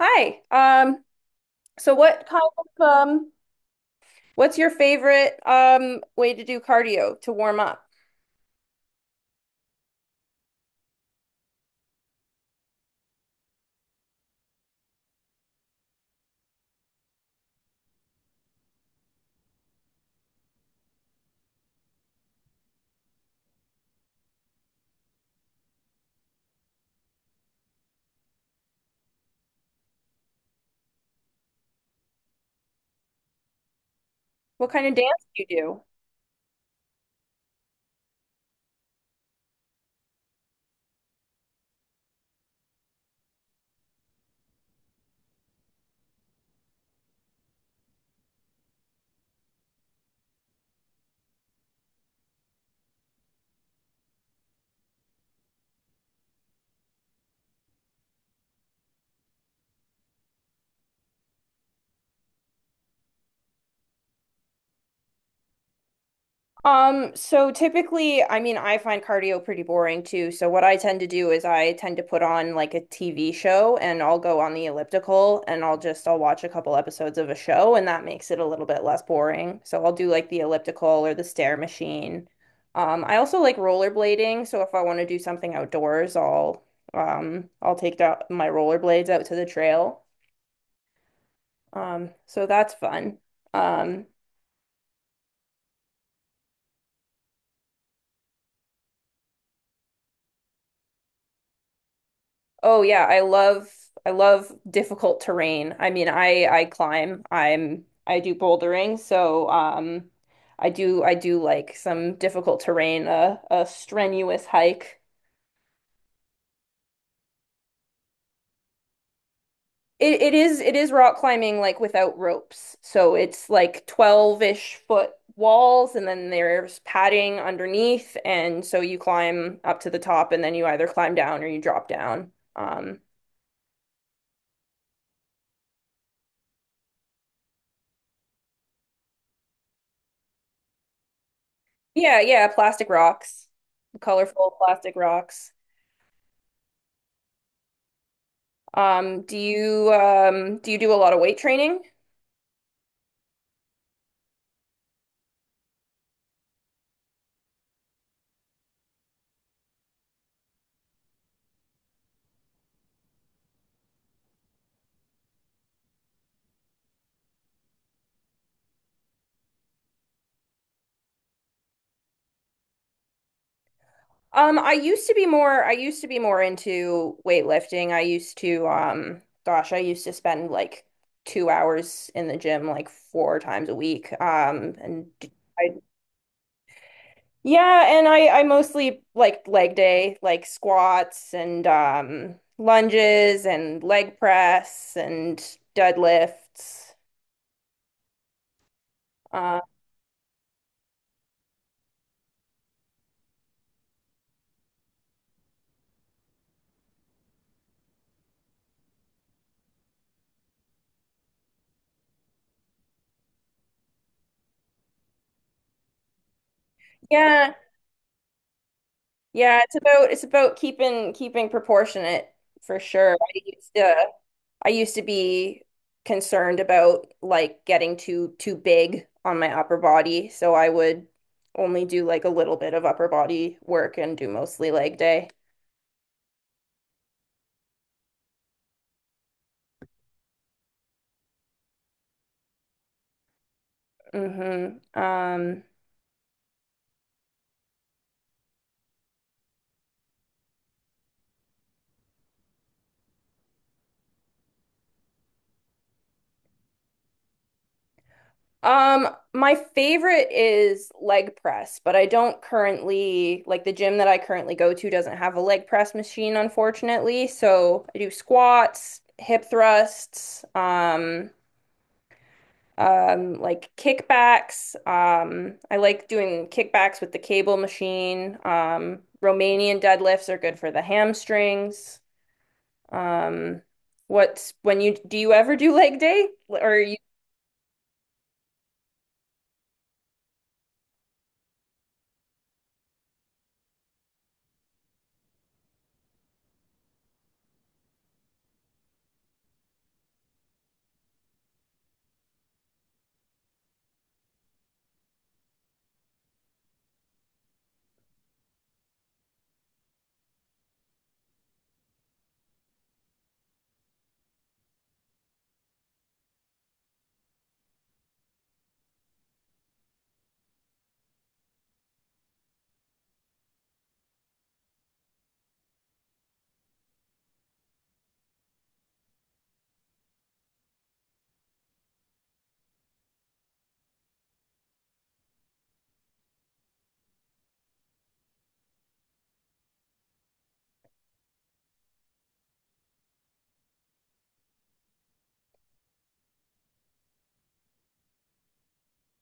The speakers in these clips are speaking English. Hi. So what kind of what's your favorite way to do cardio to warm up? What kind of dance do you do? So typically, I mean, I find cardio pretty boring too. So what I tend to do is I tend to put on like a TV show and I'll go on the elliptical and I'll just, I'll watch a couple episodes of a show, and that makes it a little bit less boring. So I'll do like the elliptical or the stair machine. I also like rollerblading, so if I want to do something outdoors, I'll take out my rollerblades out to the trail. So that's fun. Um, Oh yeah, I love difficult terrain. I mean, I climb. I do bouldering, so I do like some difficult terrain, a strenuous hike. It is rock climbing like without ropes. So it's like 12-ish foot walls, and then there's padding underneath, and so you climb up to the top and then you either climb down or you drop down. Um yeah, yeah, plastic rocks. Colorful plastic rocks. Do you do you do a lot of weight training? I used to be more I used to be more into weightlifting. I used to gosh, I used to spend like 2 hours in the gym like 4 times a week. And I yeah, and I mostly like leg day, like squats and lunges and leg press and deadlifts. Uh, yeah, Yeah, it's about keeping proportionate for sure. I used to be concerned about like getting too big on my upper body, so I would only do like a little bit of upper body work and do mostly leg day. Mm-hmm. Um, my favorite is leg press, but I don't currently like the gym that I currently go to doesn't have a leg press machine, unfortunately. So I do squats, hip thrusts, like kickbacks. I like doing kickbacks with the cable machine. Romanian deadlifts are good for the hamstrings. Um, what's when you do you ever do leg day or are you?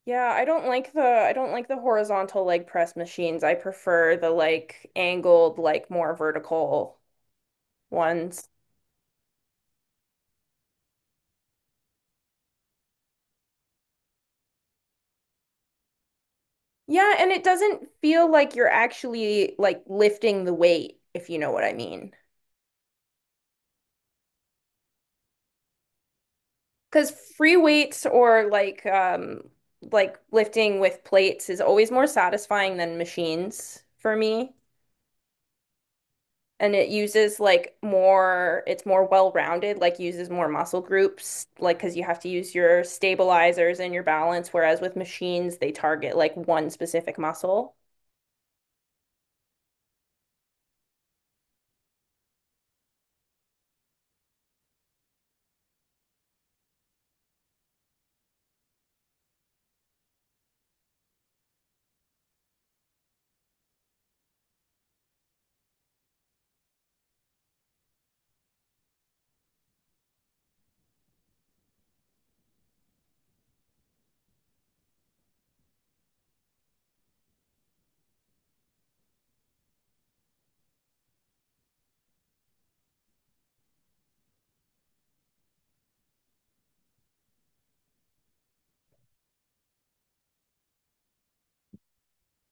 Yeah, I don't like the horizontal leg press machines. I prefer the like angled, like more vertical ones. Yeah, and it doesn't feel like you're actually like lifting the weight, if you know what I mean. Because free weights or like lifting with plates is always more satisfying than machines for me. And it uses like more, it's more well-rounded, like uses more muscle groups, like because you have to use your stabilizers and your balance, whereas with machines, they target like one specific muscle.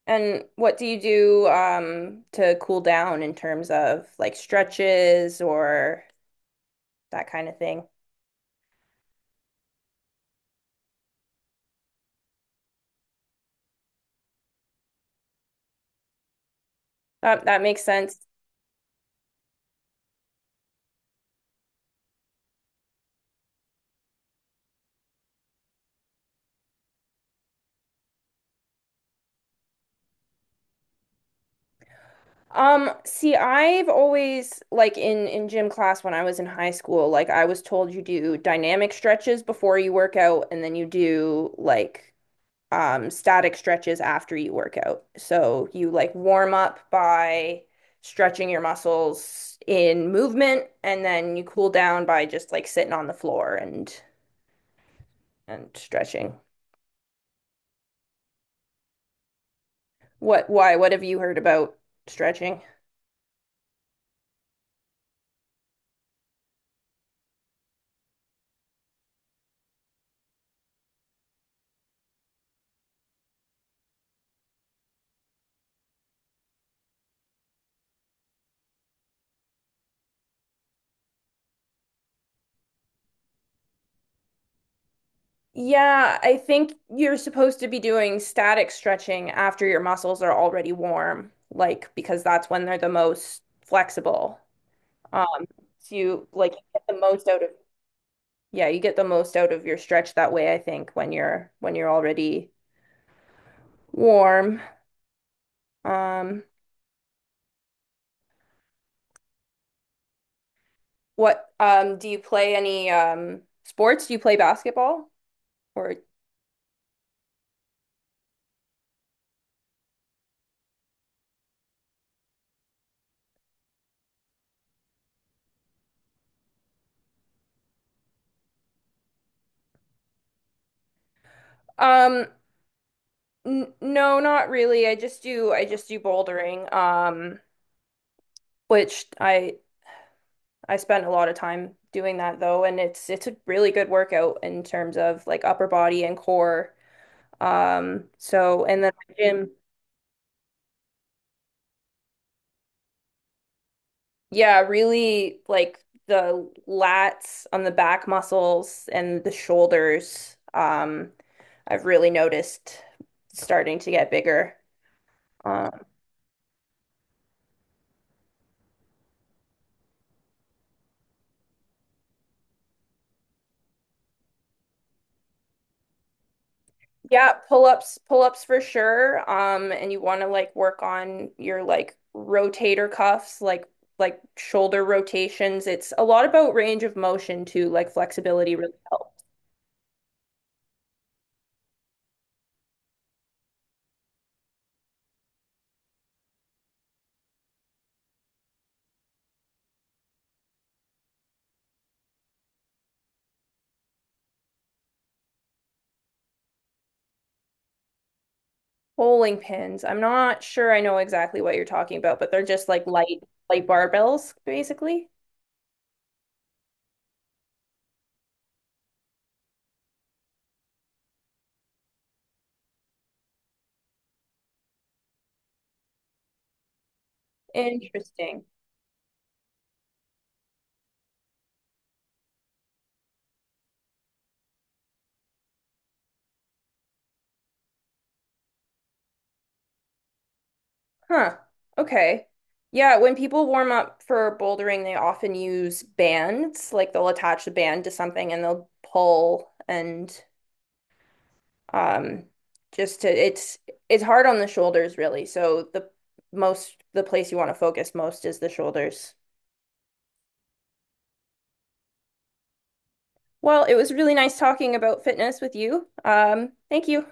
And what do you do to cool down in terms of like stretches or that kind of thing? That that makes sense. See, I've always like in gym class when I was in high school, like I was told you do dynamic stretches before you work out and then you do like static stretches after you work out. So you like warm up by stretching your muscles in movement, and then you cool down by just like sitting on the floor and stretching. What, why, what have you heard about stretching? Yeah, I think you're supposed to be doing static stretching after your muscles are already warm, like because that's when they're the most flexible. Um, so you like get the most out of yeah, you get the most out of your stretch that way, I think, when you're already warm. Um, what do you play any sports? Do you play basketball or um n no, not really. I just do bouldering. Which I spend a lot of time doing that though, and it's a really good workout in terms of like upper body and core. So and then my gym. Yeah, really like the lats on the back muscles and the shoulders. I've really noticed starting to get bigger. Um, yeah, pull-ups, pull-ups for sure. And you want to like work on your like rotator cuffs, like shoulder rotations. It's a lot about range of motion too, like flexibility really helps. Bowling pins. I'm not sure I know exactly what you're talking about, but they're just like light, light barbells, basically. Interesting. Huh. Okay. Yeah, when people warm up for bouldering, they often use bands. Like they'll attach the band to something and they'll pull and um just to it's hard on the shoulders really. So the most the place you want to focus most is the shoulders. Well, it was really nice talking about fitness with you. Thank you.